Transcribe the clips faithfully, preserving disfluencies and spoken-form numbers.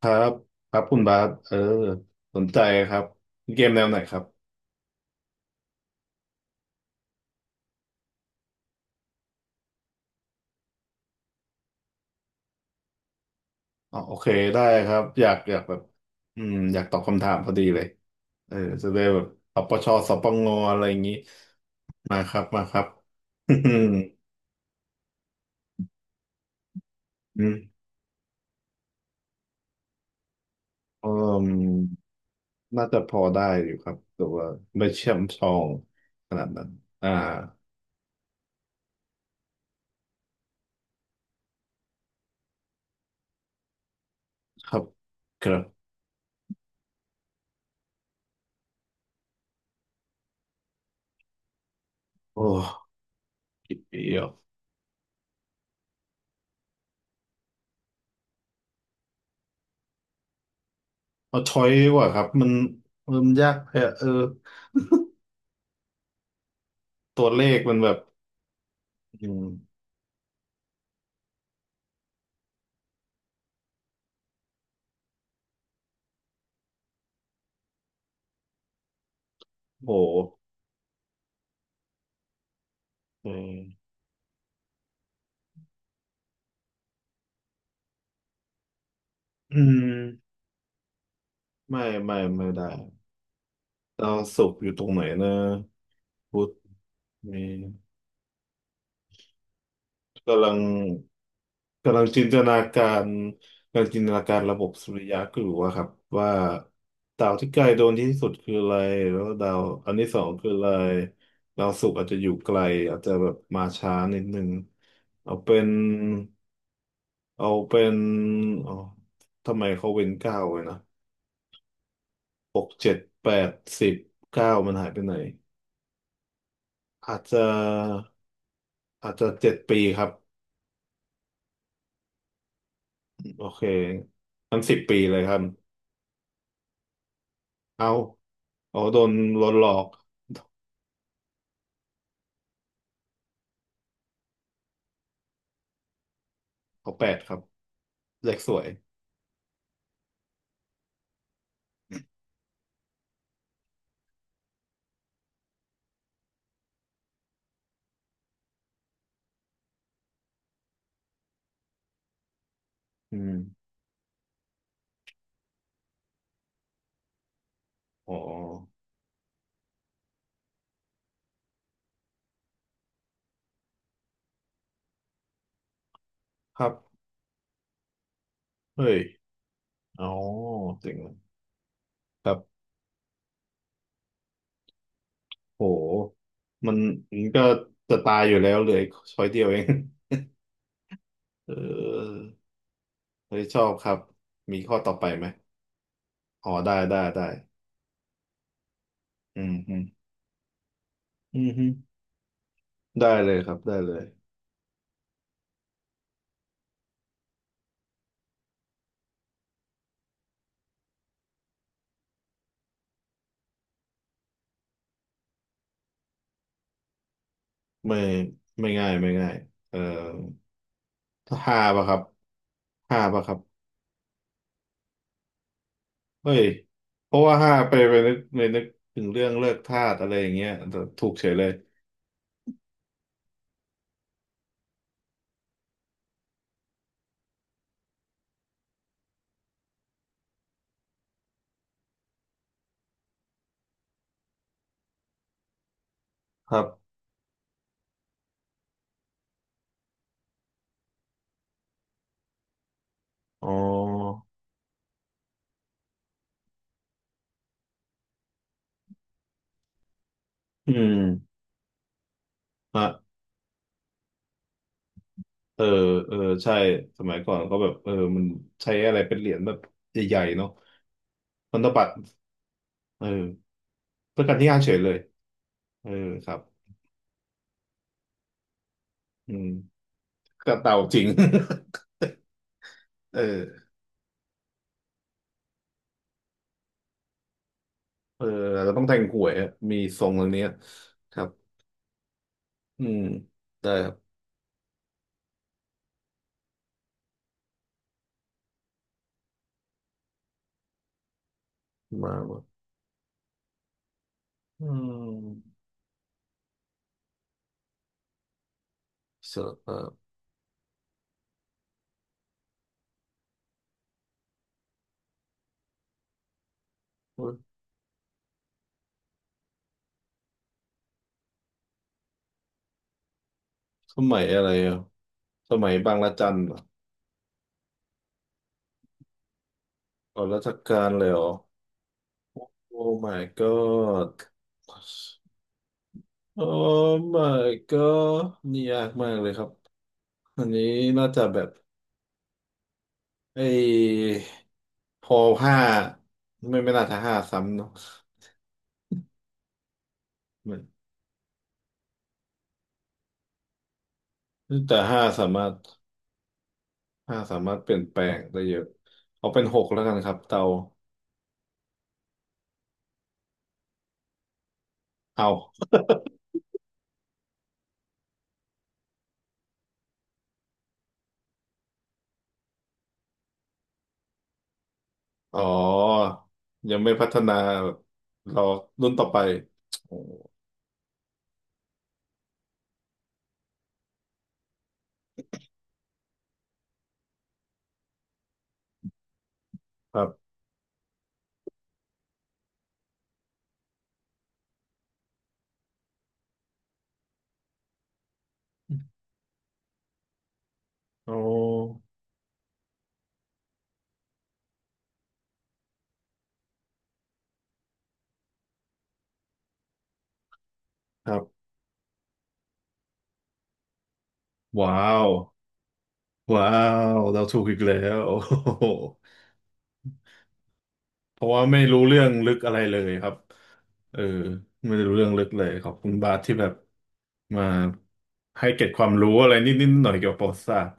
ครับครับคุณบาสเออสนใจครับเกมแนวไหนครับอ๋อโอเคได้ครับอยากอยากแบบอืมอยากตอบคำถามพอดีเลยเออจะได้แบบปปชสปงอะไรอย่างนี้มาครับมาครับ อืมอืมอืมน่าจะพอได้อยู่ครับแต่ว่าไม่เชื่อมชองขนาดนั้นอ่าครับครับโอ้เดี๋ยวเอาช้อยดีกว่าครับมันมันยากแพ้เออตัวเลขมันแบบอืม โหอืมอืมไม่ไม่ไม่ได้ดาวศุกร์อยู่ตรงไหนนะพุธมีกำลังกำลังจินตนาการกำลังจินตนาการระบบสุริยะก็อยู่ว่าครับว่าดาวที่ใกล้โดนที่สุดคืออะไรแล้วดาวอันที่สองคืออะไรดาวศุกร์อาจจะอยู่ไกลอาจจะแบบมาช้านิดนึงเอาเป็นเอาเป็นอ๋อทำไมเขาเว้นเก้าไว้นะ หกเจ็ดแปดสิบเก้ามันหายไปไหนอาจจะอาจจะเจ็ดปีครับโอเคงั้นสิบปีเลยครับเอาเอาโดนลดหลอกเอาแปดครับเลขสวยอืมอ๋อครับเฮ้ยอ๋อจริงเลยครับโหมันมันก็จะตายอยู่แล้วเหลยช้อยเดียวเอง เออเฮ้ยชอบครับมีข้อต่อไปไหมอ๋อได้ได้ได้อืมอืมอืมฮึ ได้เลยครับได้เลยไม่ไม่ง่ายไม่ง่ายเอ่อห้าป่ะครับห้าป่ะครับเฮ้ยเพราะว่าห้าไปไปนึกไปนึกถึงเรื่องเลิกทาสอะไรอย่างเงี้ยแต่ถูกเฉยเลยครับอ๋ออืมฮะเออเออใช่สมัยก่อนก็แบบเออมันใช้อะไรเป็นเหรียญแบบใหญ่ๆเนาะพันธบัตรเออเพื่อการที่ห้าเฉยเลยเออครับอืมกระเต่าจริง เออ เอออาจจะต้องแต่งหวยอะมีทรงตรงเนี้ยครับอืมได้ครับมาหมาอืมเสอเออสมัยอะไรอ่ะสมัยบางระจันเหรออ๋อรัชกาลเลยเหรอโอ้ my god โอ้ my god นี่ยากมากเลยครับอันนี้น่าจะแบบไอ้พอห้าไม่ไม่น่าจะห้าซ้ำเนาะไม่แต่ห้าสามารถ ห้าสามารถเปลี่ยนแปลงได้เยอะเอาเป็นหกแล้วกันครับเตาเอาอ๋อยังไม่พัฒนาแบบรอรุ่นต่อไปโอ้ครับโอ้ครับว้าวว้าวเราถูกอีกแล้ว โอ้โหเพราะว่าไม่รู้เรื่องลึกอะไรเลยครับเออไม่ได้รู้เรื่องลึกเลยขอบคุณบาสที่แบบมาให้เกร็ดความรู้อะไรนิดๆหน่อยๆเกี่ยวกับประวัติศาสตร์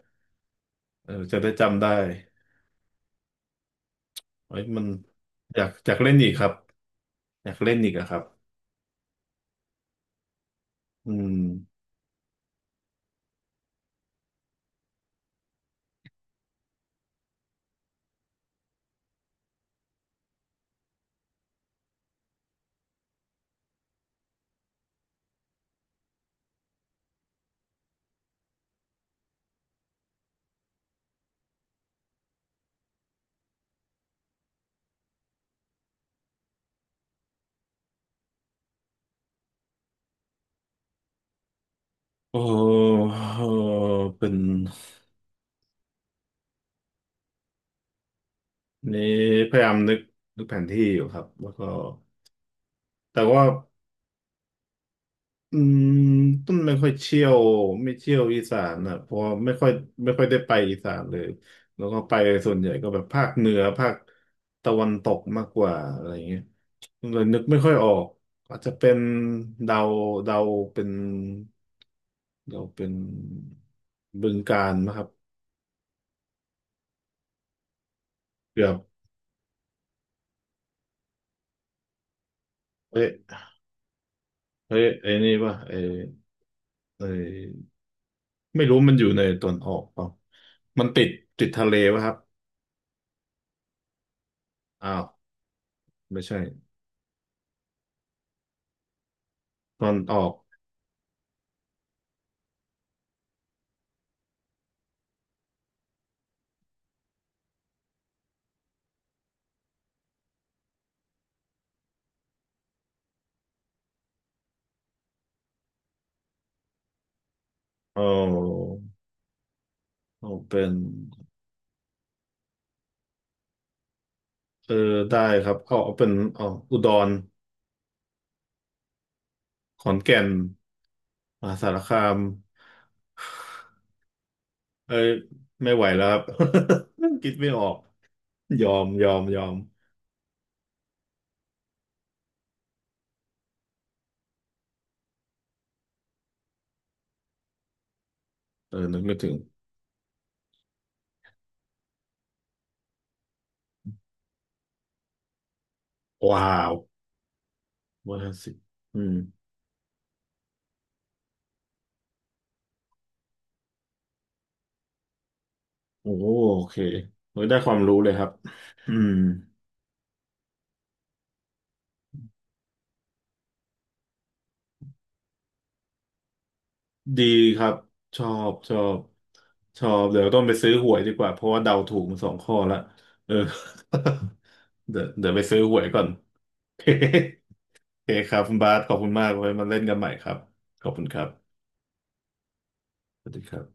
เออจะได้จำได้เอ้ยมันอยากอยากเล่นอีกครับ อยากเล่นอีกอะครับอืมโอ้โหเป็นนี่พยายามนึกนึกแผนที่อยู่ครับแล้วก็แต่ว่าอืมต้นไม่ค่อยเชี่ยวไม่เชี่ยวอีสานอ่ะเพราะว่าไม่ค่อยไม่ค่อยได้ไปอีสานเลยแล้วก็ไปส่วนใหญ่ก็แบบภาคเหนือภาคตะวันตกมากกว่าอะไรอย่างเงี้ยเลยนึกไม่ค่อยออกอาจจะเป็นเดาเดาเป็นเดาเป็นบึงกาฬนะครับเกือบเอ๊ะ เฮ้ยไอ้นี่ป่ะไอ้ไอ้ไม่รู้มันอยู่ในตอนออกเปล่ามันติดติดทะเลป่ะครับอ้าวไม่ใช่ตอนออกเอาเอาเป็นเออได้ครับเอาเอาเป็นเอาอุดรขอนแก่นมหาสารคามเอ้ยไม่ไหวแล้วครับ คิดไม่ออกยอมยอมยอมเออนึกไม่ถึงว้าววันะสิบอืมโอ้โอเคเฮ้ยได้ความรู้เลยครับอืม ดีครับชอบชอบชอบเดี๋ยวต้องไปซื้อหวยดีกว่าเพราะว่าเดาถูกมาสองข้อละเออ เดี๋ยวเดี๋ยวไปซื้อหวยก่อน โอเคโอเคครับคุณบาสขอบคุณมากไว้มาเล่นกันใหม่ครับขอบคุณครับสวัสดีครับ